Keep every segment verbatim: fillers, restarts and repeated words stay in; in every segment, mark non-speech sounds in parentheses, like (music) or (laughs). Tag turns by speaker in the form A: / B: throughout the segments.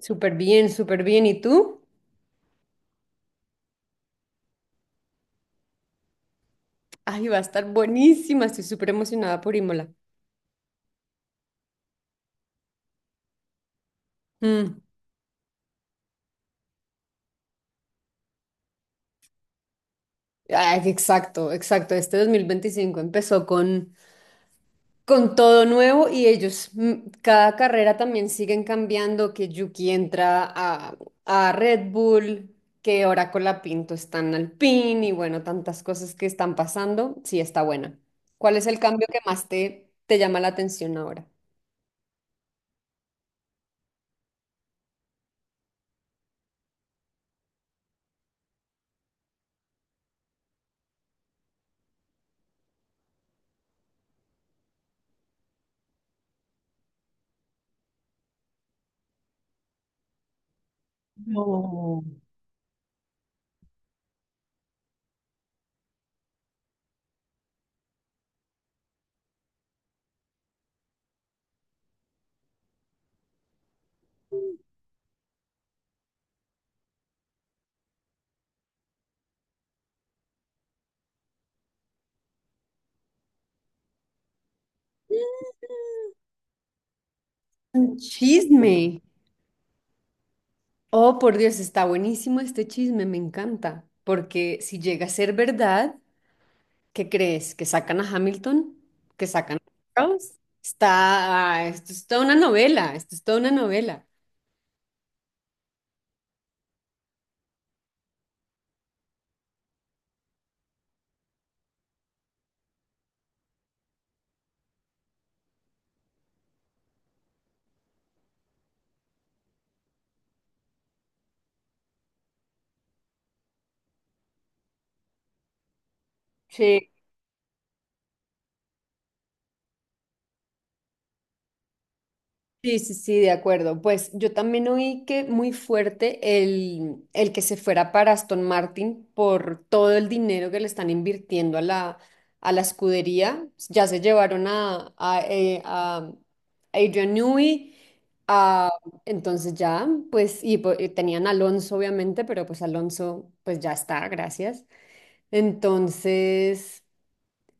A: Súper bien, súper bien. ¿Y tú? Ay, va a estar buenísima. Estoy súper emocionada por Imola. Mm. Ay, exacto, exacto. Este dos mil veinticinco empezó con, con todo nuevo y ellos, mm, cada carrera también siguen cambiando, que Yuki entra a, a Red Bull, que ahora con la Pinto están al PIN y bueno, tantas cosas que están pasando. Sí, está buena. ¿Cuál es el cambio que más te, te llama la atención ahora? Un chisme. Oh, por Dios, está buenísimo este chisme, me encanta. Porque si llega a ser verdad, ¿qué crees? ¿Que sacan a Hamilton? ¿Que sacan a Rose? Está, ah, esto es toda una novela, esto es toda una novela. Sí. Sí, sí, sí, de acuerdo. Pues yo también oí que muy fuerte el, el que se fuera para Aston Martin por todo el dinero que le están invirtiendo a la, a la escudería. Ya se llevaron a, a, eh, a Adrian Newey, a- entonces ya, pues, y, po- y tenían a Alonso obviamente, pero pues Alonso pues ya está, gracias. Entonces,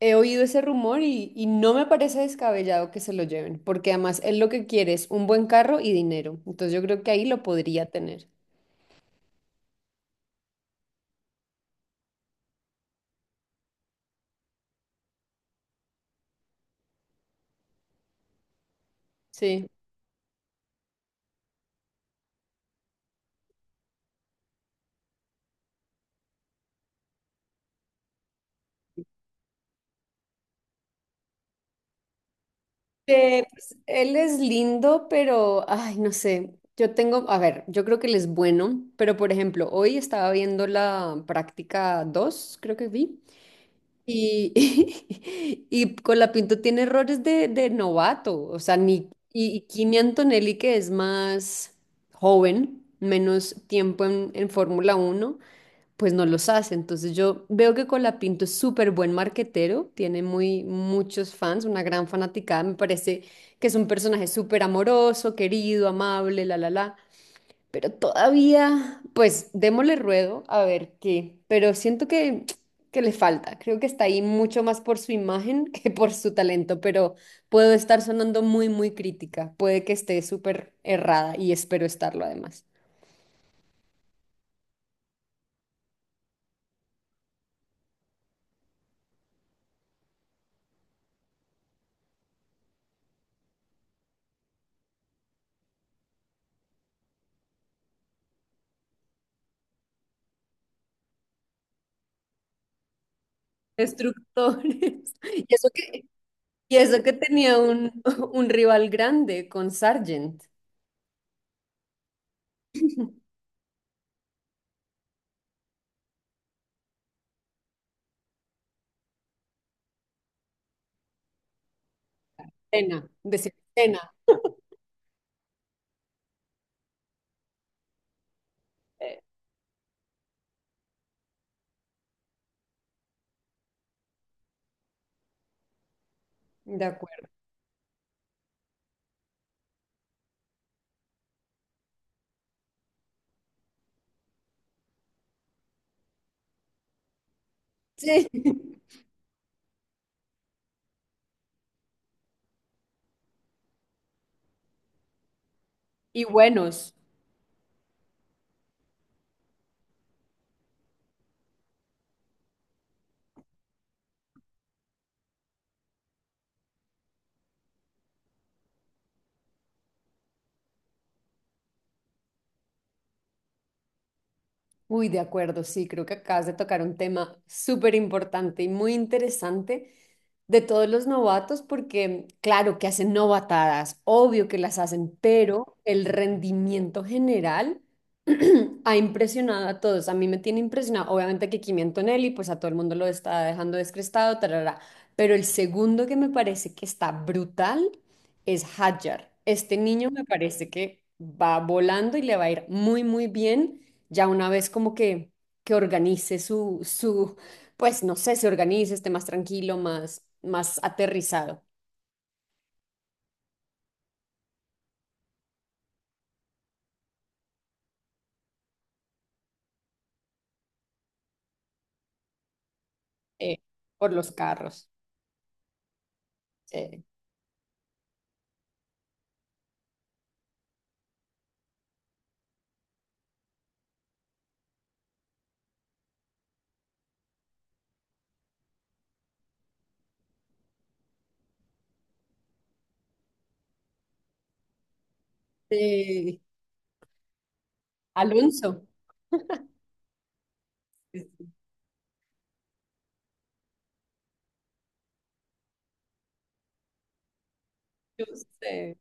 A: he oído ese rumor y, y no me parece descabellado que se lo lleven, porque además él lo que quiere es un buen carro y dinero. Entonces yo creo que ahí lo podría tener. Sí. Eh, pues, él es lindo, pero, ay, no sé. Yo tengo, a ver, yo creo que él es bueno, pero por ejemplo, hoy estaba viendo la práctica dos creo que vi. Y, (laughs) y Colapinto tiene errores de, de novato, o sea, ni, y, y Kimi Antonelli, que es más joven, menos tiempo en, en Fórmula Uno, pues no los hace. Entonces yo veo que Colapinto es súper buen marquetero, tiene muy, muchos fans, una gran fanaticada, me parece que es un personaje súper amoroso, querido, amable, la, la, la. Pero todavía, pues démosle ruedo a ver qué. Pero siento que, que le falta. Creo que está ahí mucho más por su imagen (laughs) que por su talento. Pero puedo estar sonando muy, muy crítica. Puede que esté súper errada y espero estarlo además. Destructores. (laughs) Y eso que, y eso que tenía un, (laughs) un rival grande con Sargent. Cena, decía Cena. Eh, De acuerdo. Sí. (laughs) Y buenos. Uy, de acuerdo, sí, creo que acabas de tocar un tema súper importante y muy interesante de todos los novatos, porque claro que hacen novatadas, obvio que las hacen, pero el rendimiento general (clears throat) ha impresionado a todos. A mí me tiene impresionado, obviamente que Kimi Antonelli, pues a todo el mundo lo está dejando descrestado, tarara. Pero el segundo que me parece que está brutal es Hadjar. Este niño me parece que va volando y le va a ir muy, muy bien. Ya una vez como que, que organice su, su, pues no sé, se organice, esté más tranquilo, más, más aterrizado, eh, por los carros. Sí. Sí, Alonso. Yo sé.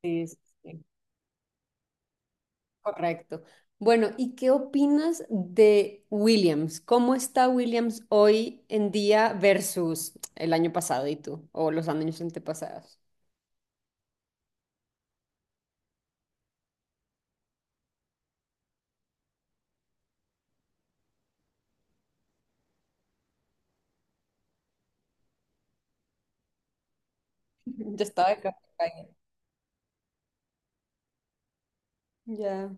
A: Sí, sí, sí, correcto. Bueno, ¿y qué opinas de Williams? ¿Cómo está Williams hoy en día versus el año pasado y tú, o los años antepasados? (laughs) Ya estaba de capa caída. Ya.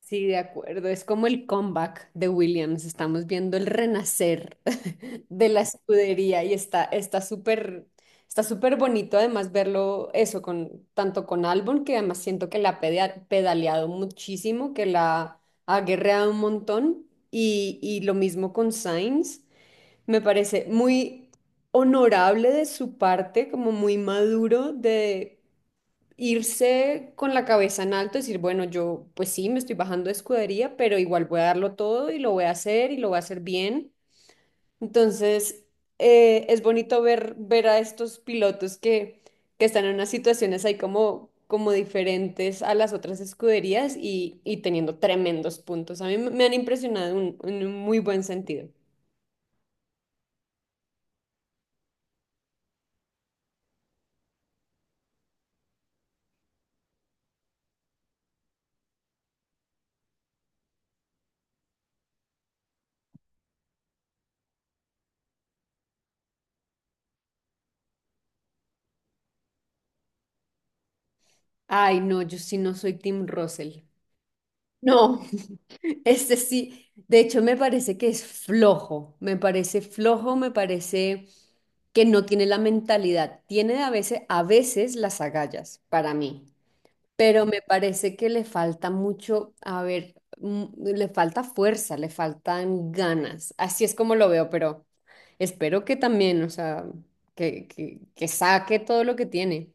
A: Sí, de acuerdo. Es como el comeback de Williams. Estamos viendo el renacer (laughs) de la escudería y está, está súper, está súper bonito además verlo eso con tanto con Albon, que además siento que la ha pedea- pedaleado muchísimo, que la ha guerreado un montón, y, y lo mismo con Sainz. Me parece muy honorable de su parte, como muy maduro de irse con la cabeza en alto, decir, bueno, yo pues sí, me estoy bajando de escudería, pero igual voy a darlo todo y lo voy a hacer y lo voy a hacer bien. Entonces, eh, es bonito ver, ver a estos pilotos que, que están en unas situaciones ahí como, como diferentes a las otras escuderías y, y teniendo tremendos puntos. A mí me me han impresionado en un en un muy buen sentido. Ay, no, yo sí no soy Team Russell. No. Este sí, de hecho me parece que es flojo, me parece flojo, me parece que no tiene la mentalidad, tiene a veces, a veces las agallas para mí, pero me parece que le falta mucho, a ver, mm, le falta fuerza, le faltan ganas, así es como lo veo, pero espero que también, o sea, que, que, que saque todo lo que tiene.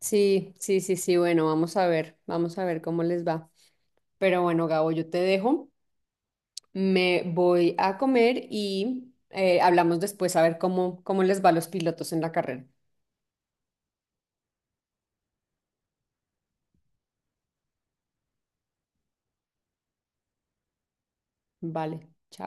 A: Sí, sí, sí, sí, bueno, vamos a ver, vamos a ver cómo les va. Pero bueno, Gabo, yo te dejo. Me voy a comer y eh, hablamos después a ver cómo, cómo les va a los pilotos en la carrera. Vale, chao.